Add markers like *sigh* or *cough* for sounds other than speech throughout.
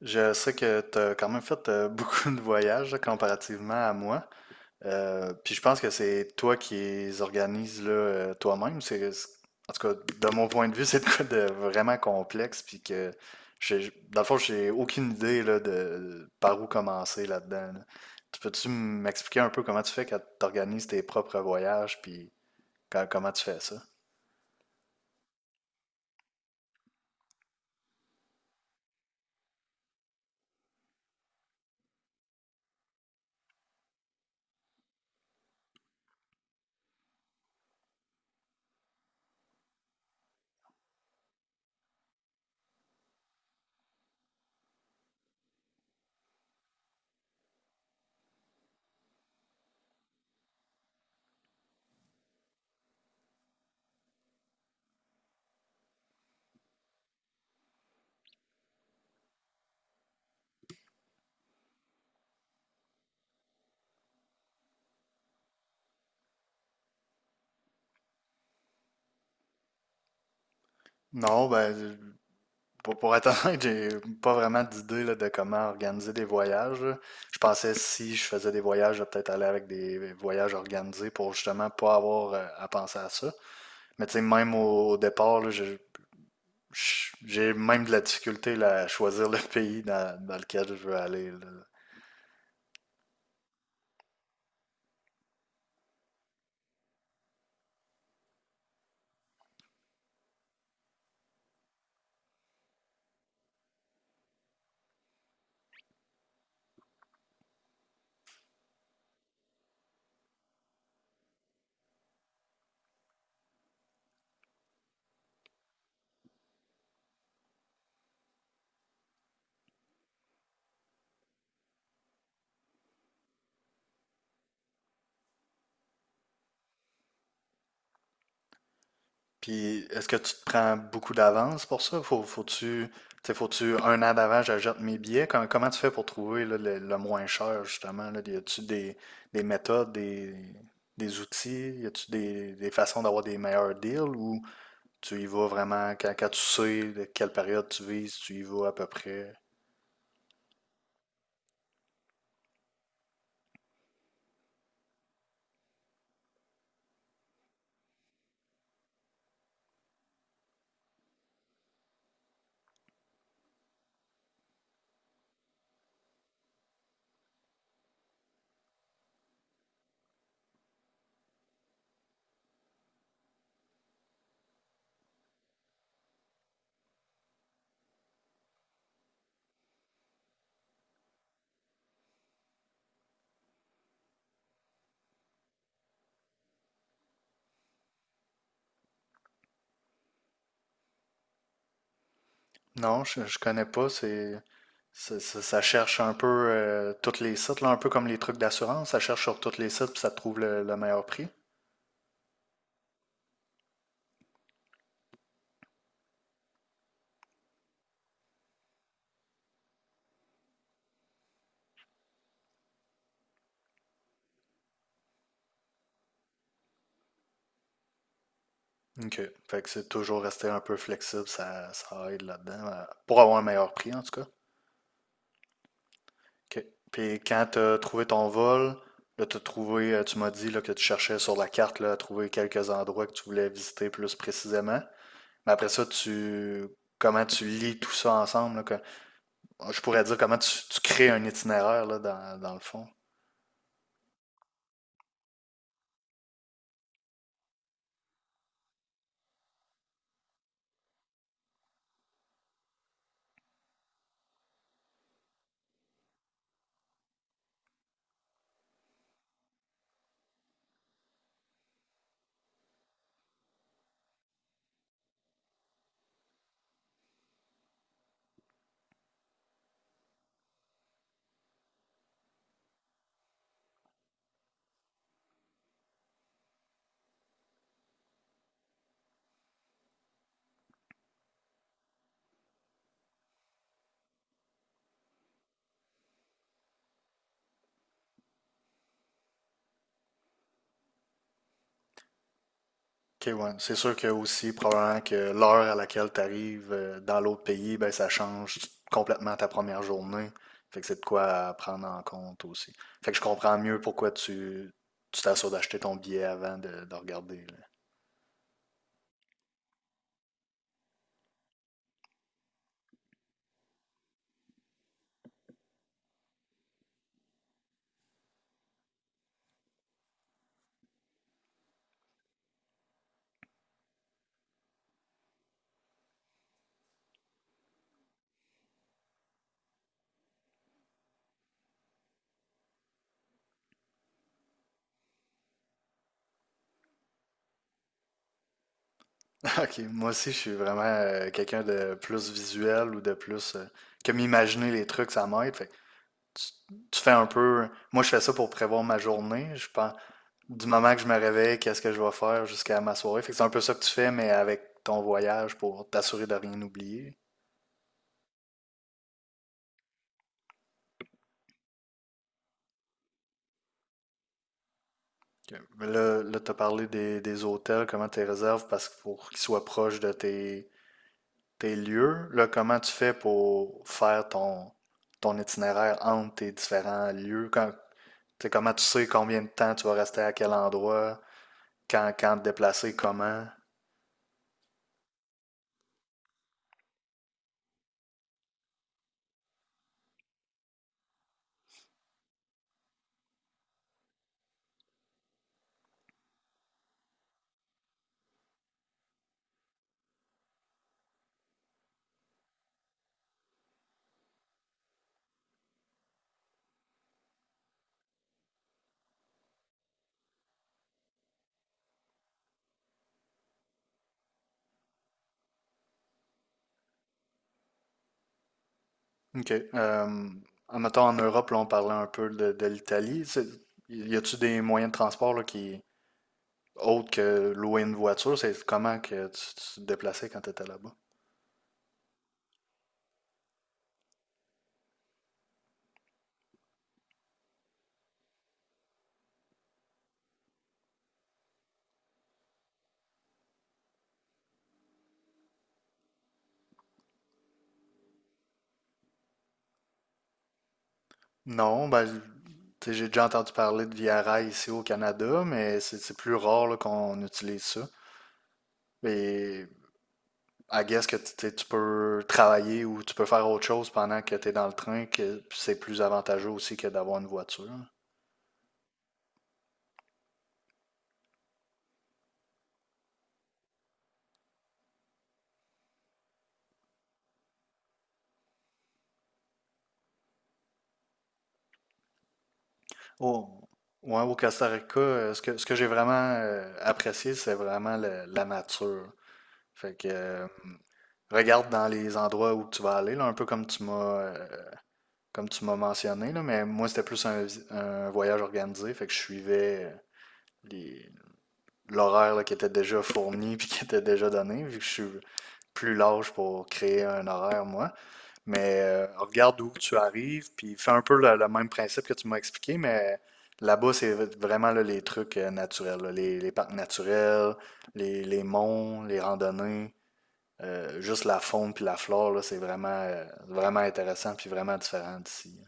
Je sais que tu as quand même fait *laughs* beaucoup de voyages là, comparativement à moi. Puis je pense que c'est toi qui les organises là, toi-même. En tout cas, de mon point de vue, *laughs* c'est de quoi de vraiment complexe. Dans le fond, j'ai aucune idée là, de par où commencer là-dedans. Là. Tu peux-tu m'expliquer un peu comment tu fais quand tu organises tes propres voyages? Comment tu fais ça? Non, ben, pour être honnête, j'ai pas vraiment d'idée là, de comment organiser des voyages. Là. Je pensais si je faisais des voyages, de peut-être aller avec des voyages organisés pour justement pas avoir à penser à ça. Mais tu sais, même au départ, là, j'ai même de la difficulté là, à choisir le *laughs* pays dans lequel je veux aller. Là. Puis est-ce que tu te prends beaucoup d'avance pour ça? Faut-tu un an d'avant, j'achète mes billets? Com- comment tu fais pour trouver là, le moins cher, justement? Là? Y a-tu des méthodes, des outils? Y a-tu des façons d'avoir des meilleurs deals ou tu y vas vraiment quand tu sais de quelle période tu vises, tu y vas à peu près? Non, je connais pas. Ça cherche un peu tous les sites, là, un peu comme les trucs d'assurance. Ça cherche sur tous les sites puis ça te trouve le meilleur prix. OK. Fait que c'est toujours rester un peu flexible, ça aide là-dedans, pour avoir un meilleur prix en tout cas. OK. Puis quand tu as trouvé ton vol, là, t'as trouvé, tu m'as dit là, que tu cherchais sur la carte là, à trouver quelques endroits que tu voulais visiter plus précisément. Mais après ça, tu comment tu lis tout ça ensemble, je pourrais dire comment tu crées un itinéraire là, dans le fond. OK, ouais. C'est sûr que aussi, probablement que l'heure à laquelle tu arrives dans l'autre pays, ben, ça change complètement ta première journée. Fait que c'est de quoi à prendre en compte aussi. Fait que je comprends mieux pourquoi tu t'assures d'acheter ton billet avant de regarder. Là. *laughs* OK, moi aussi, je suis vraiment quelqu'un de plus visuel ou de plus que m'imaginer les trucs, ça m'aide. Fait que tu, tu fais un peu. Moi, je fais ça pour prévoir ma journée. Je pense, du moment que je me réveille, qu'est-ce que je vais faire jusqu'à ma soirée. Fait que c'est un peu ça que tu fais, mais avec ton voyage pour t'assurer de rien oublier. Ok. Mais là, là tu as parlé des hôtels, comment tu les réserves parce que pour qu'ils soient proches de tes lieux. Là, comment tu fais pour faire ton itinéraire entre tes différents lieux? Quand, tu sais, comment tu sais combien de temps tu vas rester à quel endroit, quand te déplacer, comment? OK. Mettons, en Europe, là, on parlait un peu de l'Italie. Y a-tu des moyens de transport là, qui, autres que louer une voiture, c'est comment que tu te déplaçais quand tu étais là-bas? Non, ben, tu sais, j'ai déjà entendu parler de Via Rail ici au Canada, mais c'est plus rare là, qu'on utilise ça. Et à guess que tu sais, tu peux travailler ou tu peux faire autre chose pendant que tu es dans le train, que c'est plus avantageux aussi que d'avoir une voiture. Au, ouais, au Costa Rica, ce ce que j'ai vraiment apprécié, c'est vraiment la nature. Fait que regarde dans les endroits où tu vas aller, là, un peu comme tu m'as mentionné, là, mais moi c'était plus un, un voyage organisé, fait que je suivais les- l'horaire là, qui était déjà fourni *laughs* puis qui était déjà donné, vu que je suis plus large pour créer un horaire, moi. Mais regarde d'où tu arrives, puis fais un peu le même principe que tu m'as expliqué, mais là-bas, c'est vraiment là, les trucs naturels, là, les parcs naturels, les monts, les randonnées, juste la faune puis la flore, là, c'est vraiment, vraiment intéressant puis vraiment différent d'ici.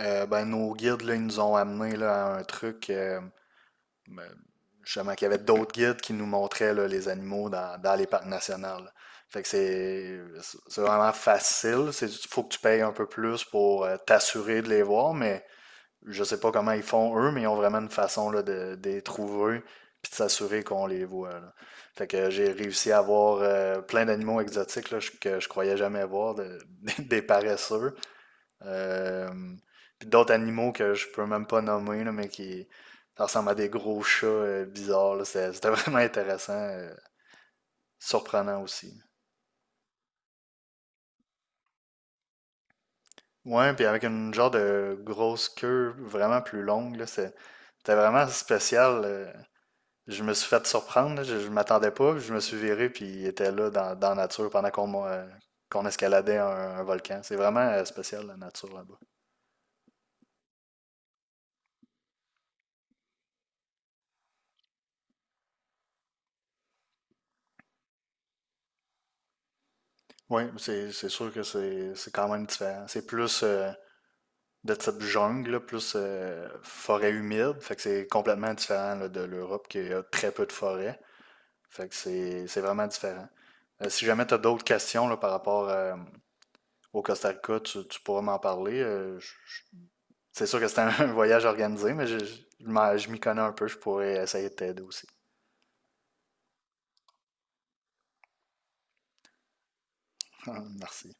Ben, nos guides, là, ils nous ont amené là, à un truc, justement, qu'il y avait d'autres guides qui nous montraient là, les animaux dans les parcs nationaux. Fait que c'est vraiment facile. Il faut que tu payes un peu plus pour t'assurer de les voir, mais je sais pas comment ils font eux, mais ils ont vraiment une façon là, de les trouver puis de s'assurer qu'on les voit. Là. Fait que j'ai réussi à voir plein d'animaux exotiques là, que je croyais jamais voir, *laughs* des paresseux. Euh, Puis d'autres animaux que je peux même pas nommer, là, mais qui ça ressemble à des gros chats bizarres. Là. C'était *laughs* vraiment intéressant, surprenant aussi. Ouais, puis avec une genre de grosse queue vraiment plus longue, c'était vraiment spécial. Je me suis fait surprendre, là, je m'attendais pas, puis je me suis viré, puis il était là dans la nature pendant qu'on escaladait un volcan. C'est vraiment spécial la nature là-bas. Oui, c'est sûr que c'est quand même différent. C'est plus de type jungle, là, plus forêt humide. Fait que c'est complètement différent là, de l'Europe qui a très peu de forêt. Fait que c'est vraiment différent. Si jamais tu as d'autres questions là, par rapport au Costa Rica, tu pourras m'en parler. C'est sûr que c'est un, *laughs* un voyage organisé, mais je m'y connais un peu, je pourrais essayer de t'aider aussi. *laughs* Merci.